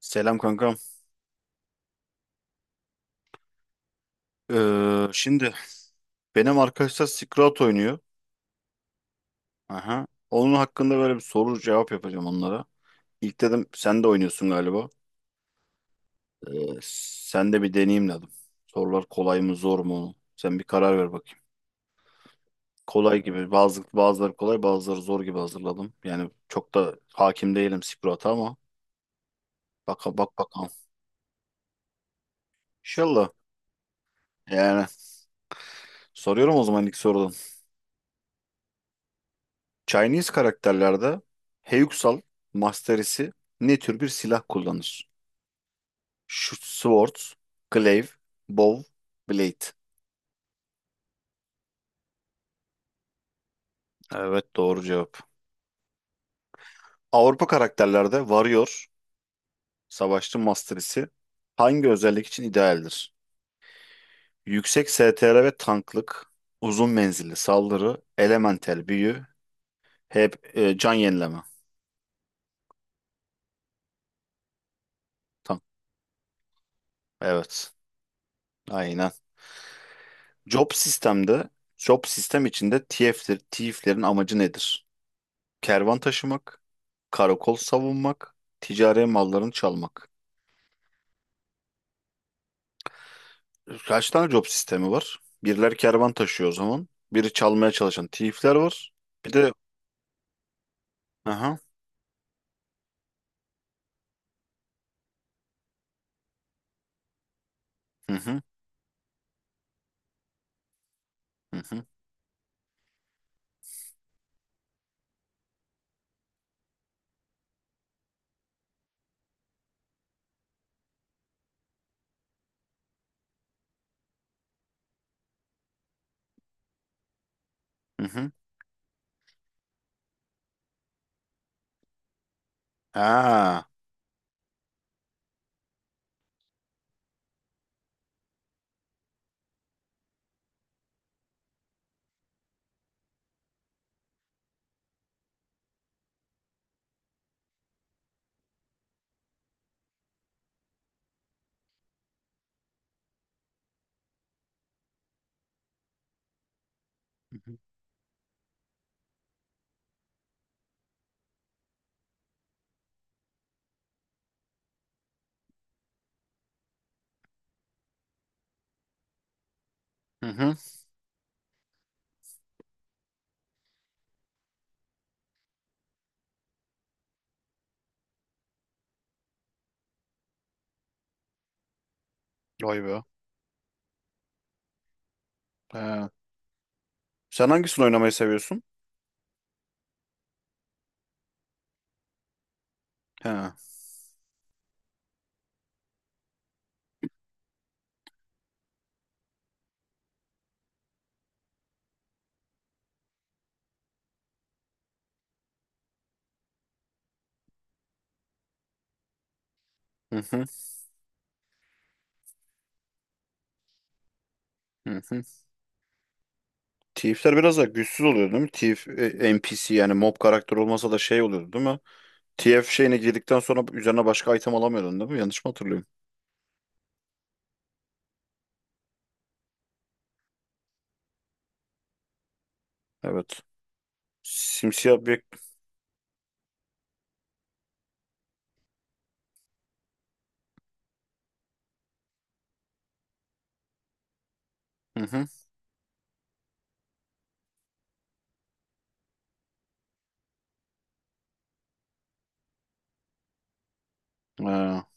Selam kankam. Şimdi benim arkadaşlar Skrat oynuyor. Aha. Onun hakkında böyle bir soru cevap yapacağım onlara. İlk dedim sen de oynuyorsun galiba. Ee, Sen de bir deneyeyim dedim. Sorular kolay mı zor mu? Sen bir karar ver bakayım. Kolay gibi bazıları kolay bazıları zor gibi hazırladım. Yani çok da hakim değilim Skrat'a ama bakalım. İnşallah. Yani soruyorum o zaman ilk sorudan. Chinese karakterlerde Heyuksal Masterisi ne tür bir silah kullanır? Şu Swords, Glaive, Bow, Blade. Evet, doğru cevap. Avrupa karakterlerde Warrior, savaşçı masterisi hangi özellik için idealdir? Yüksek STR ve tanklık, uzun menzilli saldırı, elementel büyü, hep can yenileme. Tank. Evet, aynen. Job sistemde, Job sistem içinde TF'lerin amacı nedir? Kervan taşımak, karakol savunmak, ticari mallarını çalmak. Kaç tane job sistemi var? Biriler kervan taşıyor o zaman. Biri çalmaya çalışan thief'ler var. Bir de aha. Hı hı. Hı hı. Hı hı. Ha. Hı hı. Vay be. Ha. Sen hangisini oynamayı seviyorsun? Ha. Hı hı. Hı hı. Thief'ler biraz da güçsüz oluyor değil mi? Thief NPC yani mob karakter olmasa da şey oluyordu değil mi? TF şeyine girdikten sonra üzerine başka item alamıyordun değil mi? Yanlış mı hatırlıyorum? Evet. Simsiyah bir... Hı hı. Ha.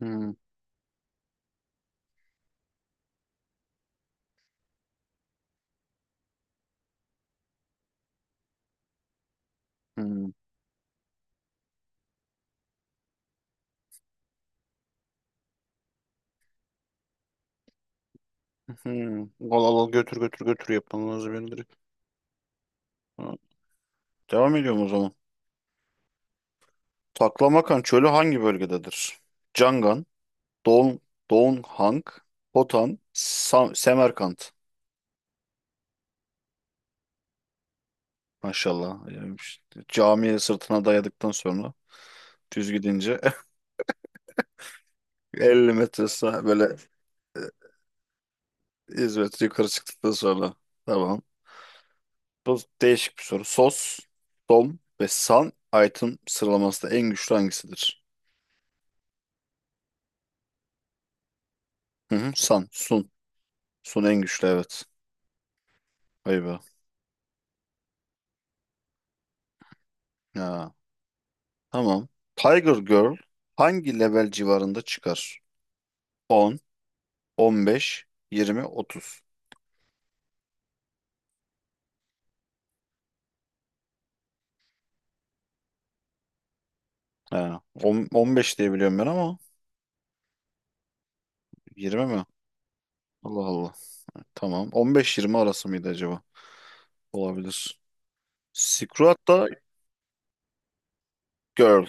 Hı hı. Hmm. Al al al götür götür götür yapmanız beni direkt. Ha, devam ediyorum o zaman. Taklamakan çölü hangi bölgededir? Cangan, Don, Donghang, Hotan, Semerkant. Maşallah. Yani işte camiye sırtına dayadıktan sonra düz gidince 50 metre sağ, böyle hizmet yukarı çıktıktan sonra. Tamam. Bu değişik bir soru. Sos, Dom ve San item sıralamasında en güçlü hangisidir? Hı hı, San, Sun. Sun en güçlü, evet. Vay be. Ha, tamam. Tiger Girl hangi level civarında çıkar? 10, 15, 20, 30. Ha, 15 diye biliyorum ben ama 20 mi? Allah Allah. Tamam. 15-20 arası mıydı acaba? Olabilir. Silk da Girl.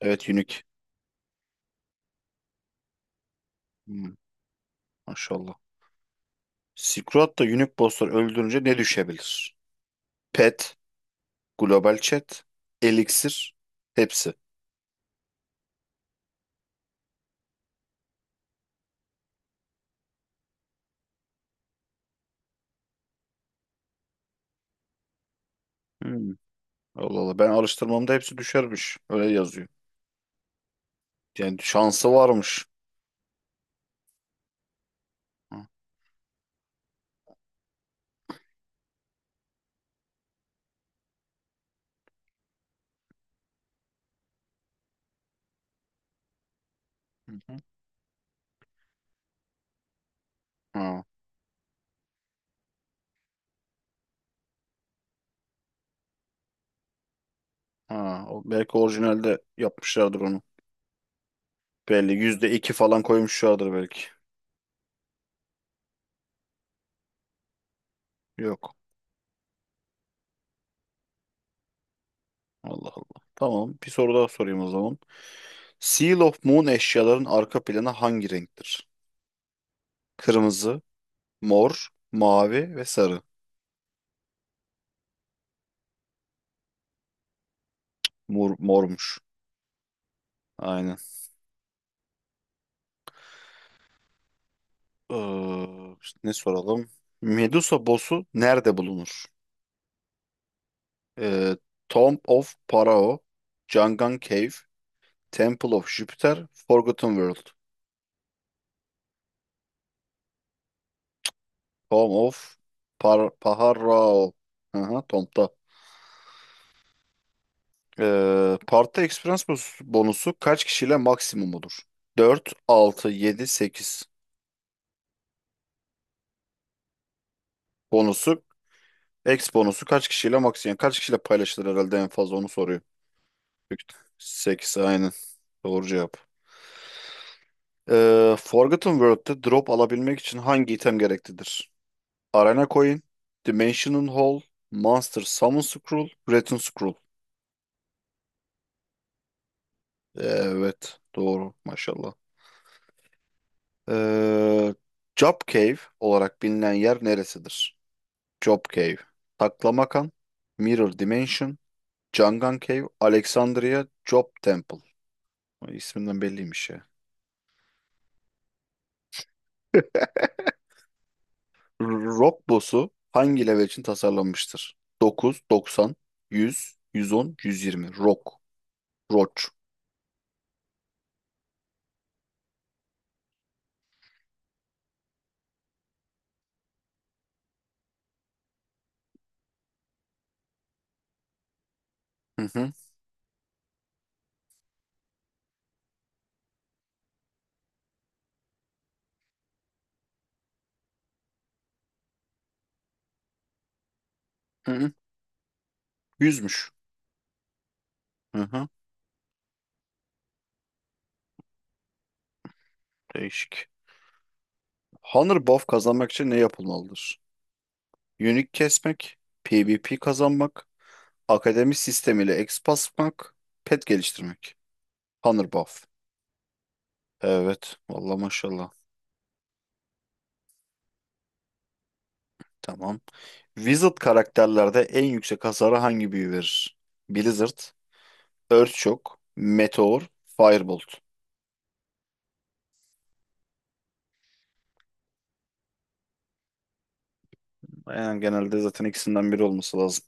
Evet, Unique. Hmm, maşallah. Silk da Unique bosslar öldürünce ne düşebilir? Pet, Global Chat, Elixir, hepsi. Hmm, Allah Allah. Ben araştırmamda hepsi düşermiş. Öyle yazıyor. Yani şansı varmış. Hı. Hı. Ha, ha. O belki orijinalde yapmışlardır onu. Belli %2 falan koymuşlardır belki. Yok. Allah Allah. Tamam. Bir soru daha sorayım o zaman. Seal of Moon eşyaların arka planı hangi renktir? Kırmızı, mor, mavi ve sarı. Mor, mormuş. Aynen. Ee, Ne soralım? Medusa boss'u nerede bulunur? Ee, Tomb of Pharaoh, Jangan Cave, Temple of Jupiter, Forgotten World. Tomb of Pharaoh. Aha, Tomb'da. Party Experience bonusu kaç kişiyle maksimum olur? 4, 6, 7, 8 bonusu. X bonusu kaç kişiyle maksimum? Yani kaç kişiyle paylaşılır herhalde en fazla onu soruyor. Sekiz, aynen. Doğru cevap. Forgotten World'de drop alabilmek için hangi item gereklidir? Arena Coin, Dimension Hall, Monster Summon Scroll, Return Scroll. Evet, doğru, maşallah. Ee, Job Cave olarak bilinen yer neresidir? Job Cave, Taklamakan, Mirror Dimension, Jangan Cave, Alexandria, Job Temple. Ay, İsminden belliymiş ya. Rock boss'u hangi level için tasarlanmıştır? 9, 90, 100, 110, 120. Rock. Roach. Hı hı. Hı hı. Yüzmüş. Hı hı. Değişik. Hunter buff kazanmak için ne yapılmalıdır? Unique kesmek, PvP kazanmak, akademi sistemiyle exp basmak, pet geliştirmek. Hunter buff. Evet. Vallahi, maşallah. Tamam. Wizard karakterlerde en yüksek hasarı hangi büyü verir? Blizzard, Earthshock, Meteor, Firebolt. Yani genelde zaten ikisinden biri olması lazım.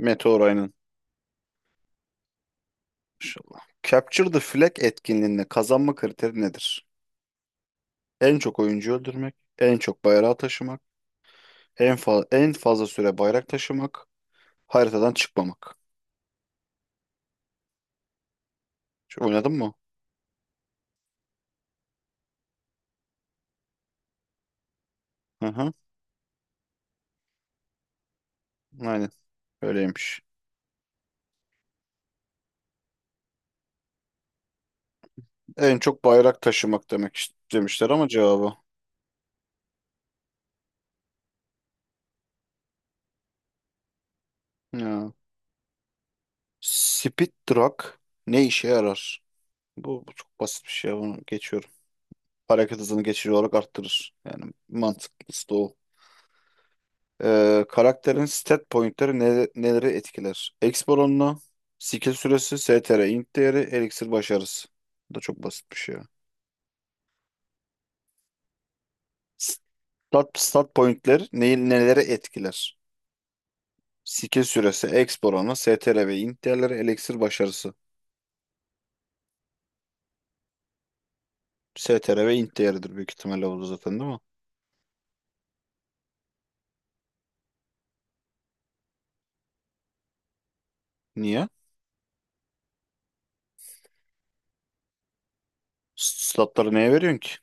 Meteor, aynen. İnşallah. Capture the Flag etkinliğinde kazanma kriteri nedir? En çok oyuncu öldürmek, en çok bayrağı taşımak, en fazla süre bayrak taşımak, haritadan çıkmamak. Şu, oynadın mı? Hı hı. Aynen. Öyleymiş. En çok bayrak taşımak demek demişler ama cevabı. Ya. Speed Truck ne işe yarar? Bu çok basit bir şey. Bunu geçiyorum. Hareket hızını geçici olarak arttırır. Yani mantıklısı da o. Karakterin stat pointleri neleri etkiler? Exp oranını, skill süresi, STR, int değeri, elixir başarısı. Bu da çok basit bir şey ya. Stat pointler neyi, neleri etkiler? Skill süresi, exp oranı, STR ve int değerleri, elixir başarısı. STR ve int değeridir büyük ihtimalle, oldu zaten değil mi? Niye? Statları neye veriyorsun ki?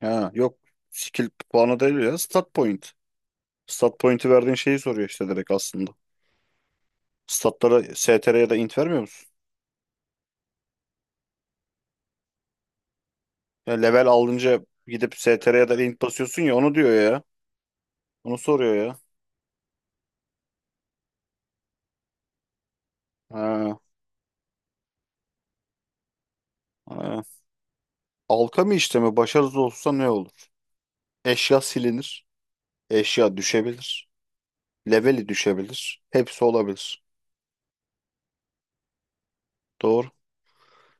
Ha, yok. Skill puanı değil ya. Stat point. Stat point'i verdiğin şeyi soruyor işte direkt aslında. Statlara STR ya da int vermiyor musun? Ya level alınca gidip STR ya da link basıyorsun ya, onu diyor ya. Onu soruyor ya. Ha, ha. Alkami işlemi başarısız olursa ne olur? Eşya silinir. Eşya düşebilir. Leveli düşebilir. Hepsi olabilir. Doğru.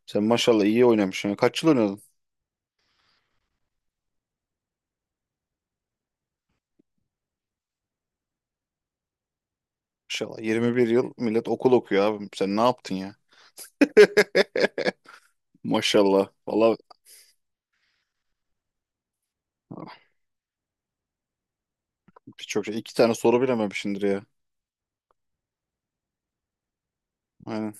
Sen maşallah iyi oynamışsın ya. Kaç yıl oynadın? Maşallah, 21 yıl millet okul okuyor abi. Sen ne yaptın ya? Maşallah. Valla birçok şey. İki tane soru bilememişsindir ya. Aynen.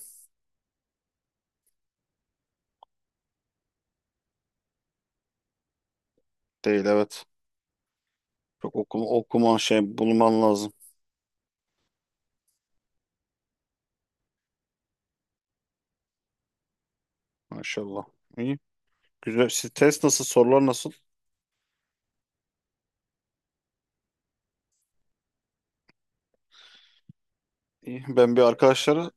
Değil, evet. Çok okuma, okuman şey bulman lazım. Maşallah. İyi. Güzel. Stres nasıl? Sorular nasıl? İyi, ben bir arkadaşlara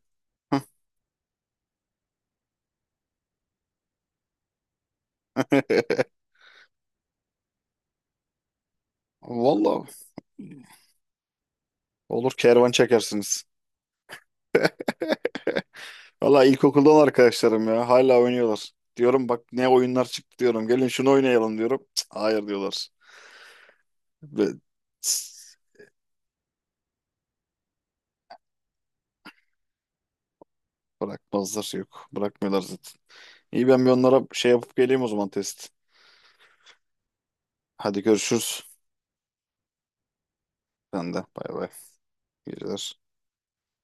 vallahi olur, kervan çekersiniz. Vallahi ilkokuldan arkadaşlarım ya. Hala oynuyorlar. Diyorum bak ne oyunlar çıktı diyorum. Gelin şunu oynayalım diyorum. Cık, hayır diyorlar. Ve tss, bırakmazlar, yok. Bırakmıyorlar zaten. İyi, ben bir onlara şey yapıp geleyim o zaman, test. Hadi görüşürüz. Sen de bay bay. İyi geceler.